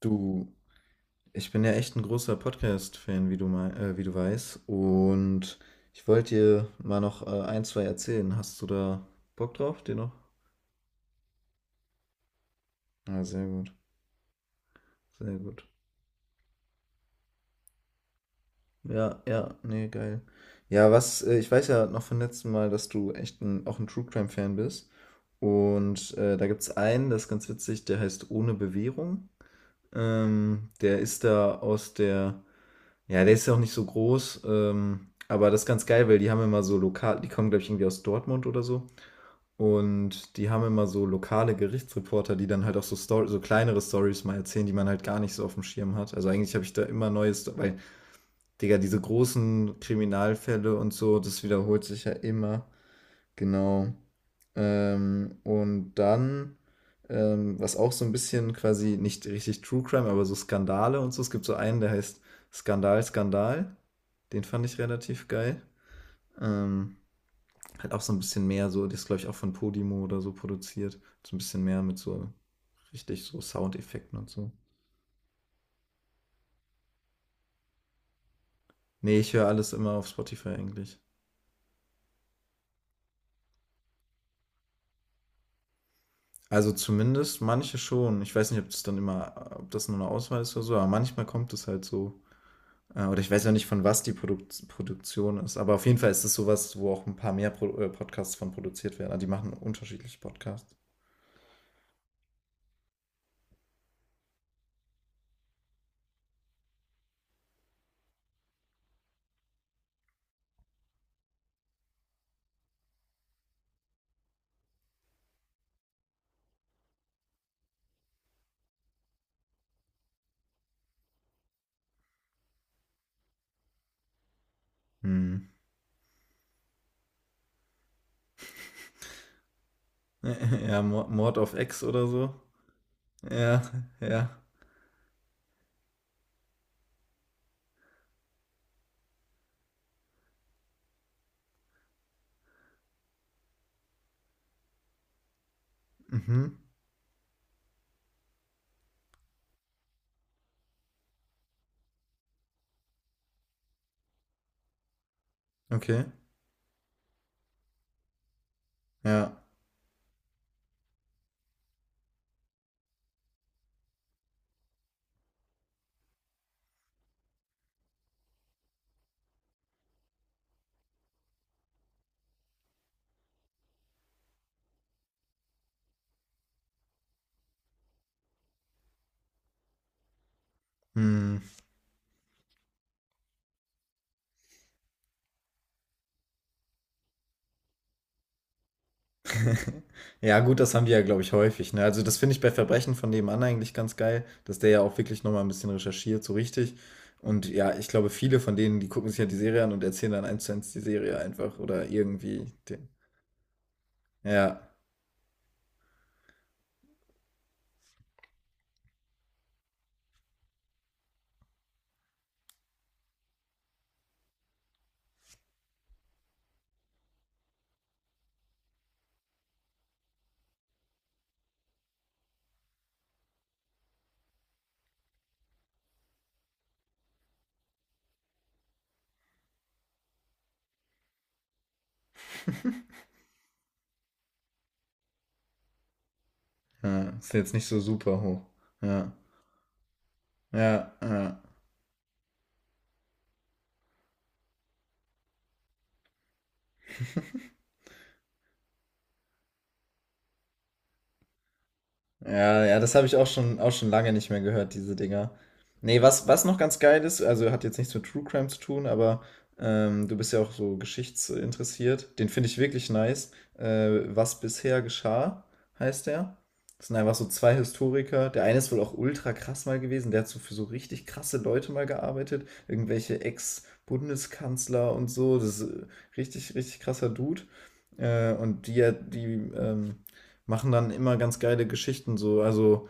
Du, ich bin ja echt ein großer Podcast-Fan, wie du wie du weißt. Und ich wollte dir mal noch ein, zwei erzählen. Hast du da Bock drauf, dir noch? Ah, sehr gut, sehr gut. Ja, ja, nee, geil. Ja, ich weiß ja noch vom letzten Mal, dass auch ein True Crime-Fan bist. Und da gibt's einen, das ist ganz witzig, der heißt Ohne Bewährung. Der ist da aus der. Ja, der ist ja auch nicht so groß, aber das ist ganz geil, weil die haben immer so lokal, die kommen, glaube ich, irgendwie aus Dortmund oder so. Und die haben immer so lokale Gerichtsreporter, die dann halt auch so, Story, so kleinere Stories mal erzählen, die man halt gar nicht so auf dem Schirm hat. Also eigentlich habe ich da immer Neues, weil, Digga, diese großen Kriminalfälle und so, das wiederholt sich ja immer. Genau. Ähm, und dann, was auch so ein bisschen quasi nicht richtig True Crime, aber so Skandale und so. Es gibt so einen, der heißt Skandal, Skandal. Den fand ich relativ geil. Ähm, hat auch so ein bisschen mehr, so, das ist glaube ich auch von Podimo oder so produziert. So ein bisschen mehr mit so richtig so Soundeffekten und so. Nee, ich höre alles immer auf Spotify eigentlich. Also zumindest manche schon. Ich weiß nicht, ob das dann immer, ob das nur eine Auswahl ist oder so, aber manchmal kommt es halt so. Oder ich weiß ja nicht, von was die Produktion ist, aber auf jeden Fall ist es sowas, wo auch ein paar mehr Pro Podcasts von produziert werden. Also die machen unterschiedliche Podcasts. Hm. Ja, Mord auf Ex oder so. Ja, ja. Mhm. Okay. Ja. Hm. Ja, gut, das haben die ja, glaube ich, häufig. Ne? Also, das finde ich bei Verbrechen von nebenan eigentlich ganz geil, dass der ja auch wirklich nochmal ein bisschen recherchiert, so richtig. Und ja, ich glaube, viele von denen, die gucken sich ja die Serie an und erzählen dann eins zu eins die Serie einfach oder irgendwie den. Ja, ja, ist jetzt nicht so super hoch. Ja, ja, ja. Ja, ja, das habe ich auch schon lange nicht mehr gehört, diese Dinger. Nee, was, was noch ganz geil ist, also hat jetzt nichts mit True Crime zu tun, aber du bist ja auch so geschichtsinteressiert. Den finde ich wirklich nice. Was bisher geschah, heißt der. Das sind einfach so zwei Historiker. Der eine ist wohl auch ultra krass mal gewesen. Der hat so für so richtig krasse Leute mal gearbeitet. Irgendwelche Ex-Bundeskanzler und so. Das ist richtig, richtig krasser Dude. Und die ähm, machen dann immer ganz geile Geschichten so. Also,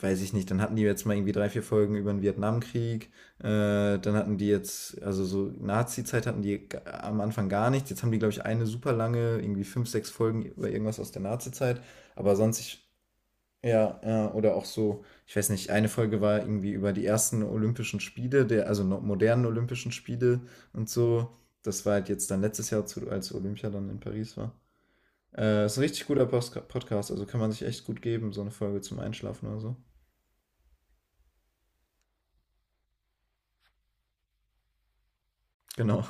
weiß ich nicht, dann hatten die jetzt mal irgendwie drei, vier Folgen über den Vietnamkrieg. Dann hatten die jetzt, also so Nazi-Zeit hatten am Anfang gar nichts. Jetzt haben die, glaube ich, eine super lange, irgendwie fünf, sechs Folgen über irgendwas aus der Nazi-Zeit. Aber ja, ja, oder auch so, ich weiß nicht, eine Folge war irgendwie über die ersten Olympischen Spiele, also modernen Olympischen Spiele und so. Das war halt jetzt dann letztes Jahr, zu, als Olympia dann in Paris war. Ist ein richtig guter Post Podcast, also kann man sich echt gut geben, so eine Folge zum Einschlafen oder so. Genau.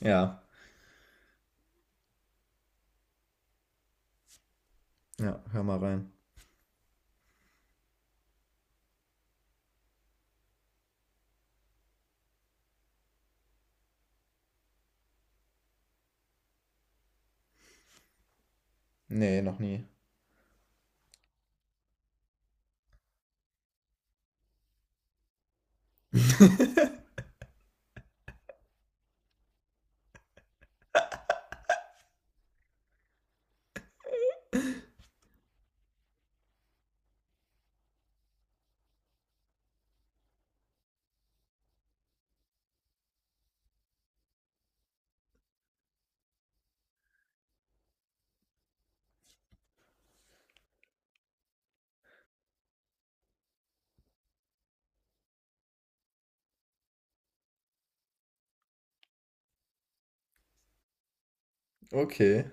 Ja. Ja, hör mal rein. Nee, noch nie. Okay.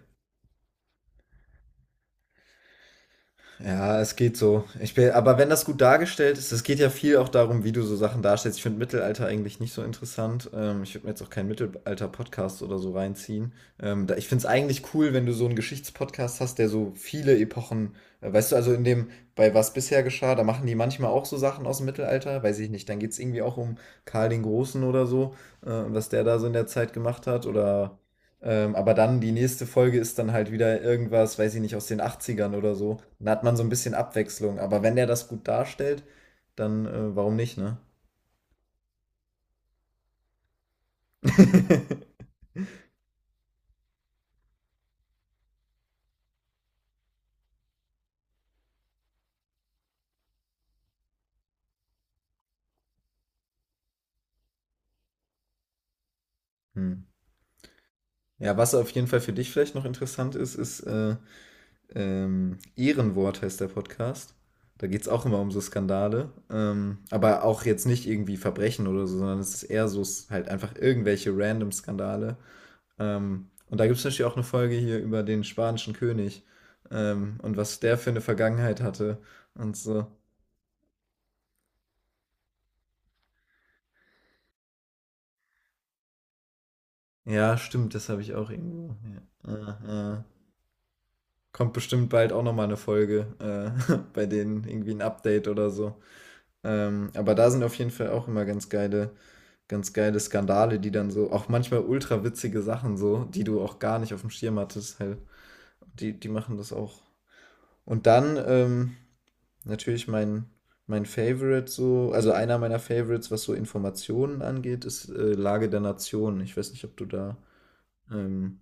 Ja, es geht so. Ich bin, aber wenn das gut dargestellt ist, es geht ja viel auch darum, wie du so Sachen darstellst. Ich finde Mittelalter eigentlich nicht so interessant. Ich würde mir jetzt auch keinen Mittelalter-Podcast oder so reinziehen. Ich finde es eigentlich cool, wenn du so einen Geschichtspodcast hast, der so viele Epochen, weißt du, bei was bisher geschah, da machen die manchmal auch so Sachen aus dem Mittelalter, weiß ich nicht. Dann geht es irgendwie auch um Karl den Großen oder so, was der da so in der Zeit gemacht hat oder aber dann die nächste Folge ist dann halt wieder irgendwas, weiß ich nicht, aus den Achtzigern oder so. Dann hat man so ein bisschen Abwechslung. Aber wenn der das gut darstellt, dann warum nicht, ne? Hm. Ja, was auf jeden Fall für dich vielleicht noch interessant ist, ist Ehrenwort heißt der Podcast. Da geht es auch immer um so Skandale. Aber auch jetzt nicht irgendwie Verbrechen oder so, sondern es ist eher so halt einfach irgendwelche random Skandale. Und da gibt es natürlich auch eine Folge hier über den spanischen König und was der für eine Vergangenheit hatte und so. Ja, stimmt, das habe ich auch irgendwo. Ja. Kommt bestimmt bald auch nochmal eine Folge, bei denen irgendwie ein Update oder so. Aber da sind auf jeden Fall auch immer ganz geile Skandale, die dann so, auch manchmal ultra witzige Sachen so, die du auch gar nicht auf dem Schirm hattest, halt. Die, die machen das auch. Und dann, natürlich mein Favorite so, also einer meiner Favorites, was so Informationen angeht, ist Lage der Nation. Ich weiß nicht, ob du da ähm,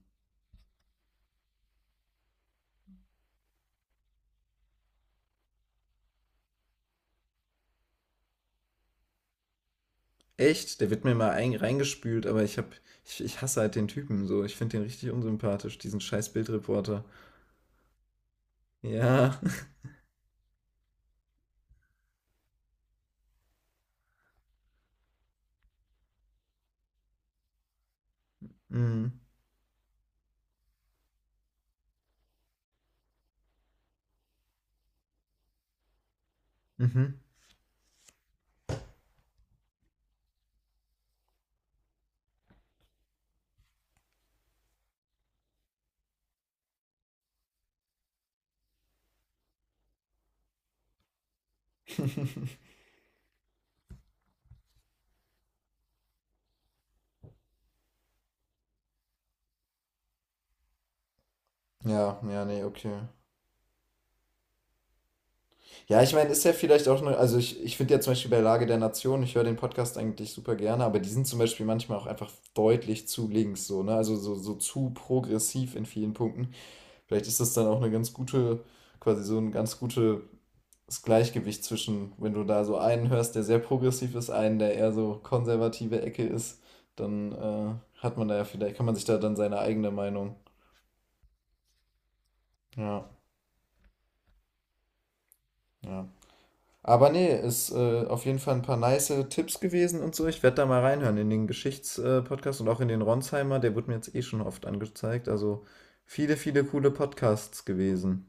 echt, der wird mir mal reingespült, aber ich ich hasse halt den Typen so. Ich finde den richtig unsympathisch, diesen scheiß Bildreporter. Ja. Mm. Mhm. Ja, ja, nee, okay. Ja, ich meine, ist ja vielleicht auch eine, also ich finde ja zum Beispiel bei Lage der Nation, ich höre den Podcast eigentlich super gerne, aber die sind zum Beispiel manchmal auch einfach deutlich zu links, so, ne? Also so, so zu progressiv in vielen Punkten. Vielleicht ist das dann auch eine ganz gute, quasi so ein ganz gutes Gleichgewicht zwischen, wenn du da so einen hörst, der sehr progressiv ist, einen, der eher so konservative Ecke ist, dann hat man da ja vielleicht, kann man sich da dann seine eigene Meinung. Ja, ja. Aber nee, ist auf jeden Fall ein paar nice Tipps gewesen und so. Ich werde da mal reinhören in den Geschichtspodcast und auch in den Ronsheimer. Der wird mir jetzt eh schon oft angezeigt. Also viele, viele coole Podcasts gewesen.